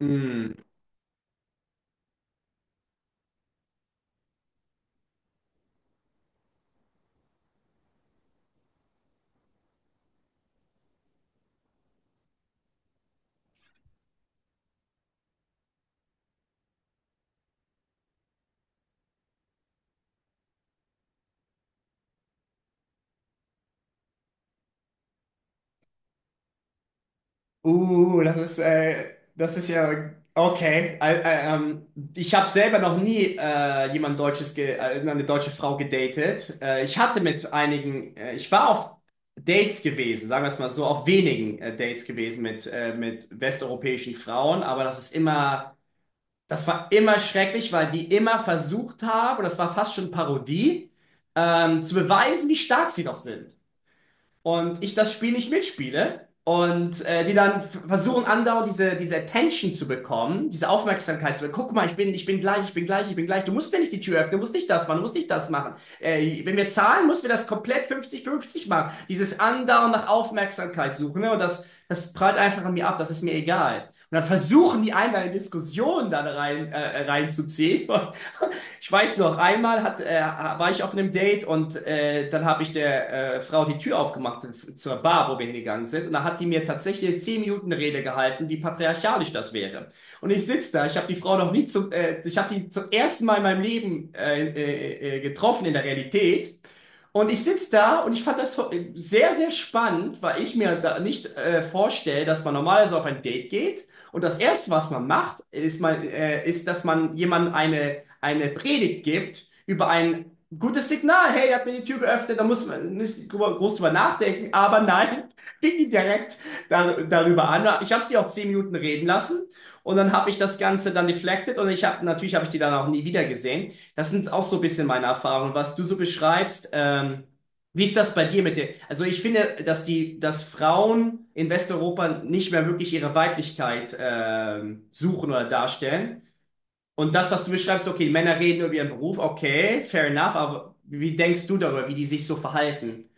Mm. Das ist ja okay. Ich habe selber noch nie jemand Deutsches, ge eine deutsche Frau gedatet. Ich hatte mit einigen, Ich war auf Dates gewesen, sagen wir es mal so, auf wenigen Dates gewesen mit westeuropäischen Frauen, aber das war immer schrecklich, weil die immer versucht haben, und das war fast schon Parodie, zu beweisen, wie stark sie doch sind. Und ich das Spiel nicht mitspiele, und die dann versuchen, andauernd diese Attention zu bekommen, diese Aufmerksamkeit zu bekommen. Guck mal, ich bin gleich, ich bin gleich, ich bin gleich. Du musst mir nicht die Tür öffnen, du musst nicht das machen, du musst nicht das machen. Wenn wir zahlen, müssen wir das komplett 50/50 machen. Dieses andauernd nach Aufmerksamkeit suchen, ne? Und das prallt einfach an mir ab, das ist mir egal. Und dann versuchen die einen, eine Diskussion dann reinzuziehen. Ich weiß noch, einmal war ich auf einem Date, und dann habe ich der Frau die Tür aufgemacht zur Bar, wo wir hingegangen sind. Und da hat die mir tatsächlich eine 10 Minuten Rede gehalten, wie patriarchalisch das wäre. Und ich sitze da, ich habe die Frau noch nie zum, ich habe die zum ersten Mal in meinem Leben getroffen in der Realität. Und ich sitze da, und ich fand das sehr, sehr spannend, weil ich mir da nicht vorstelle, dass man normalerweise auf ein Date geht. Und das Erste, was man macht, ist, dass man jemandem eine Predigt gibt über ein gutes Signal. Hey, er hat mir die Tür geöffnet, da muss man nicht groß drüber nachdenken. Aber nein, fing die direkt darüber an. Ich habe sie auch 10 Minuten reden lassen, und dann habe ich das Ganze dann deflected, und ich habe natürlich habe ich die dann auch nie wieder gesehen. Das sind auch so ein bisschen meine Erfahrungen, was du so beschreibst. Wie ist das bei dir, mit dir? Also ich finde, dass dass Frauen in Westeuropa nicht mehr wirklich ihre Weiblichkeit suchen oder darstellen. Und das, was du beschreibst, okay, Männer reden über ihren Beruf, okay, fair enough, aber wie denkst du darüber, wie die sich so verhalten?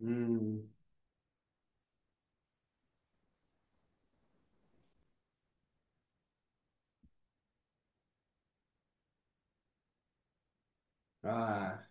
Hm. Ah.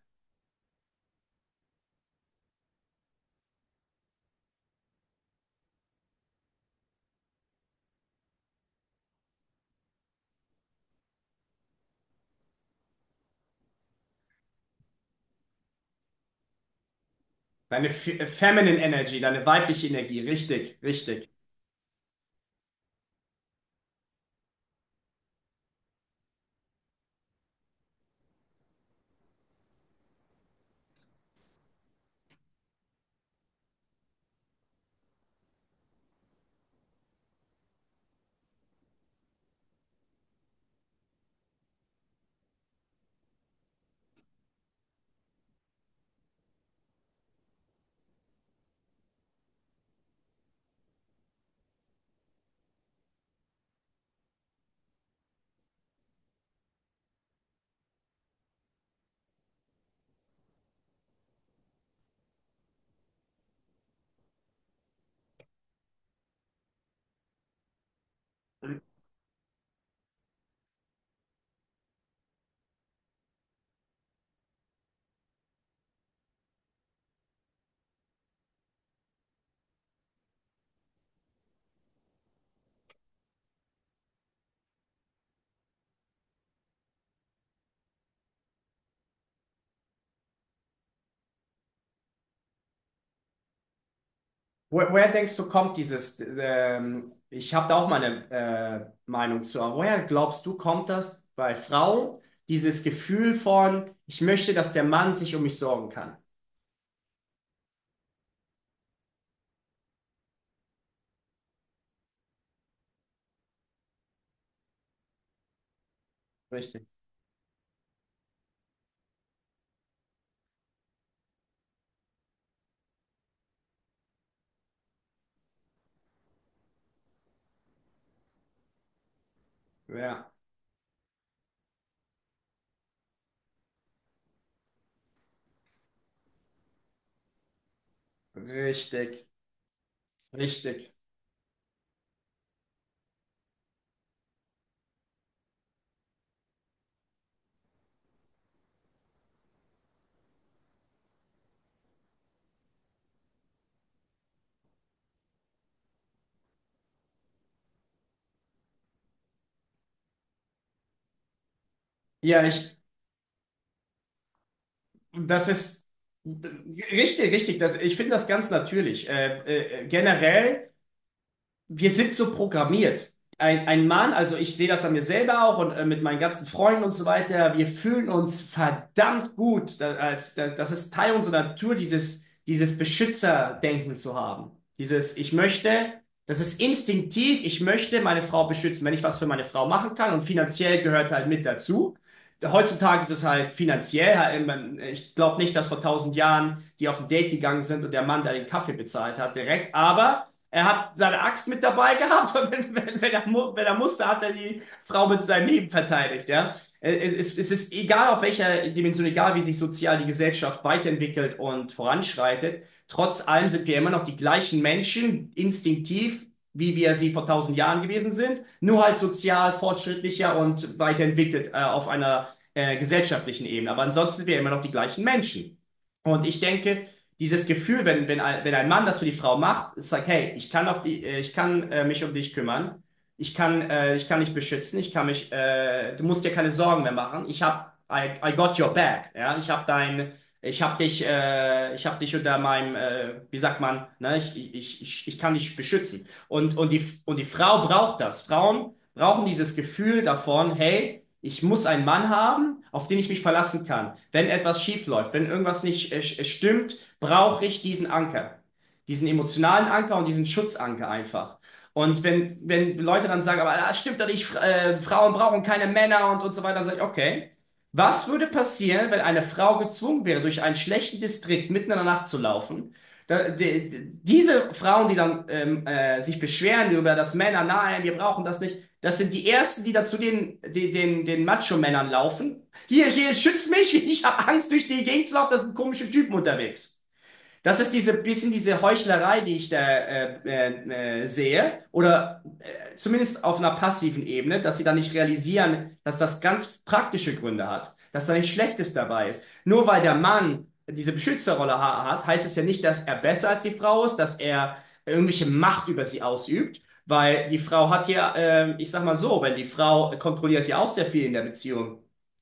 Deine Feminine Energy, deine weibliche Energie, richtig, richtig. Woher denkst du, kommt ich habe da auch meine Meinung zu, aber woher glaubst du, kommt das bei Frauen, dieses Gefühl von, ich möchte, dass der Mann sich um mich sorgen kann? Richtig, ja, richtig, richtig. Ja, ich. Das ist richtig, richtig. Ich finde das ganz natürlich. Generell, wir sind so programmiert. Ein Mann, also ich sehe das an mir selber auch und mit meinen ganzen Freunden und so weiter, wir fühlen uns verdammt gut. Das ist Teil unserer Natur, dieses Beschützerdenken zu haben. Dieses, ich möchte, das ist instinktiv, ich möchte meine Frau beschützen, wenn ich was für meine Frau machen kann, und finanziell gehört halt mit dazu. Heutzutage ist es halt finanziell, halt, ich glaube nicht, dass vor 1000 Jahren die auf ein Date gegangen sind und der Mann da den Kaffee bezahlt hat direkt, aber. Er hat seine Axt mit dabei gehabt, und wenn er musste, hat er die Frau mit seinem Leben verteidigt. Ja? Es ist egal, auf welcher Dimension, egal wie sich sozial die Gesellschaft weiterentwickelt und voranschreitet, trotz allem sind wir immer noch die gleichen Menschen, instinktiv, wie wir sie vor 1000 Jahren gewesen sind, nur halt sozial fortschrittlicher und weiterentwickelt, auf einer gesellschaftlichen Ebene. Aber ansonsten sind wir immer noch die gleichen Menschen. Und ich denke, dieses Gefühl, wenn ein Mann das für die Frau macht, ist like, hey, ich kann mich um dich kümmern, ich kann dich beschützen, Du musst dir keine Sorgen mehr machen. Ich habe, I got your back, ja, ich habe dich unter meinem, wie sagt man, ne, ich kann dich beschützen. Und die Frau braucht das. Frauen brauchen dieses Gefühl davon, hey, ich muss einen Mann haben, auf den ich mich verlassen kann. Wenn etwas schief läuft, wenn irgendwas nicht stimmt, brauche ich diesen Anker. Diesen emotionalen Anker und diesen Schutzanker einfach. Und wenn Leute dann sagen, aber das stimmt doch nicht, Frauen brauchen keine Männer und so weiter, dann sage ich, okay. Was würde passieren, wenn eine Frau gezwungen wäre, durch einen schlechten Distrikt mitten in der Nacht zu laufen? Diese Frauen, die dann sich beschweren über das Männer, nein, wir brauchen das nicht, das sind die ersten, die dann zu den Macho-Männern laufen. Hier, hier, schütz mich, ich habe Angst, durch die Gegend zu laufen, das sind komische Typen unterwegs. Das ist diese bisschen diese Heuchlerei, die ich da sehe, oder zumindest auf einer passiven Ebene, dass sie da nicht realisieren, dass das ganz praktische Gründe hat, dass da nichts Schlechtes dabei ist. Nur weil der Mann diese Beschützerrolle ha hat, heißt es ja nicht, dass er besser als die Frau ist, dass er irgendwelche Macht über sie ausübt, weil die Frau hat ja, ich sag mal so, wenn die Frau kontrolliert ja auch sehr viel in der Beziehung,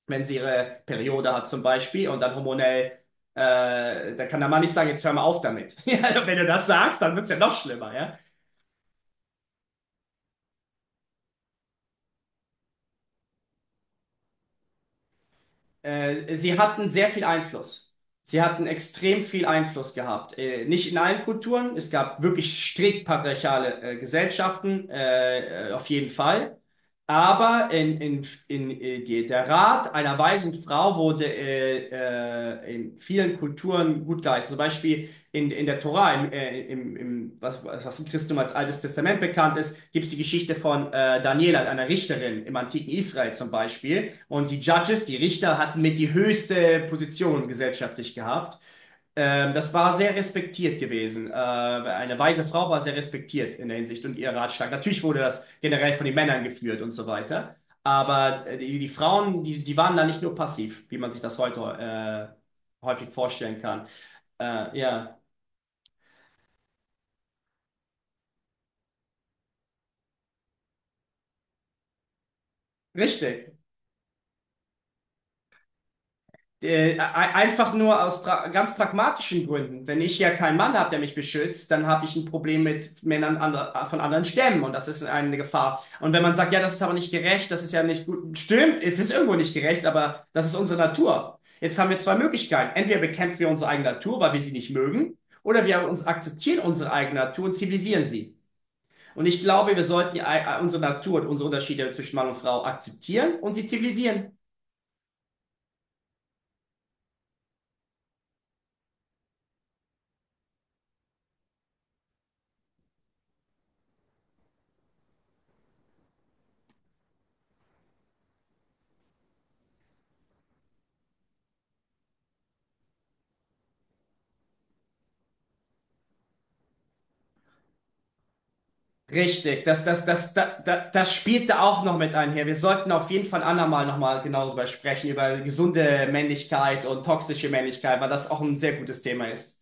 wenn sie ihre Periode hat zum Beispiel und dann hormonell, da kann der Mann nicht sagen, jetzt hör mal auf damit. Wenn du das sagst, dann wird's ja noch schlimmer, ja. Sie hatten sehr viel Einfluss. Sie hatten extrem viel Einfluss gehabt. Nicht in allen Kulturen. Es gab wirklich strikt patriarchale Gesellschaften, auf jeden Fall. Aber der Rat einer weisen Frau wurde in vielen Kulturen gut geheißen. Zum Beispiel in der Tora, was im Christentum als Altes Testament bekannt ist, gibt es die Geschichte von Daniela, einer Richterin im antiken Israel zum Beispiel, und die Judges, die Richter, hatten mit die höchste Position gesellschaftlich gehabt. Das war sehr respektiert gewesen. Eine weise Frau war sehr respektiert in der Hinsicht, und ihr Ratschlag. Natürlich wurde das generell von den Männern geführt und so weiter. Aber die Frauen, die waren da nicht nur passiv, wie man sich das heute häufig vorstellen kann. Ja, richtig. Einfach nur aus pra ganz pragmatischen Gründen. Wenn ich ja keinen Mann habe, der mich beschützt, dann habe ich ein Problem mit Männern ander von anderen Stämmen, und das ist eine Gefahr. Und wenn man sagt, ja, das ist aber nicht gerecht, das ist ja nicht gut, stimmt, es ist irgendwo nicht gerecht, aber das ist unsere Natur. Jetzt haben wir zwei Möglichkeiten. Entweder bekämpfen wir unsere eigene Natur, weil wir sie nicht mögen, oder wir uns akzeptieren unsere eigene Natur und zivilisieren sie. Und ich glaube, wir sollten unsere Natur und unsere Unterschiede zwischen Mann und Frau akzeptieren und sie zivilisieren. Richtig, das spielt da auch noch mit einher. Wir sollten auf jeden Fall andermal nochmal genau darüber sprechen, über gesunde Männlichkeit und toxische Männlichkeit, weil das auch ein sehr gutes Thema ist.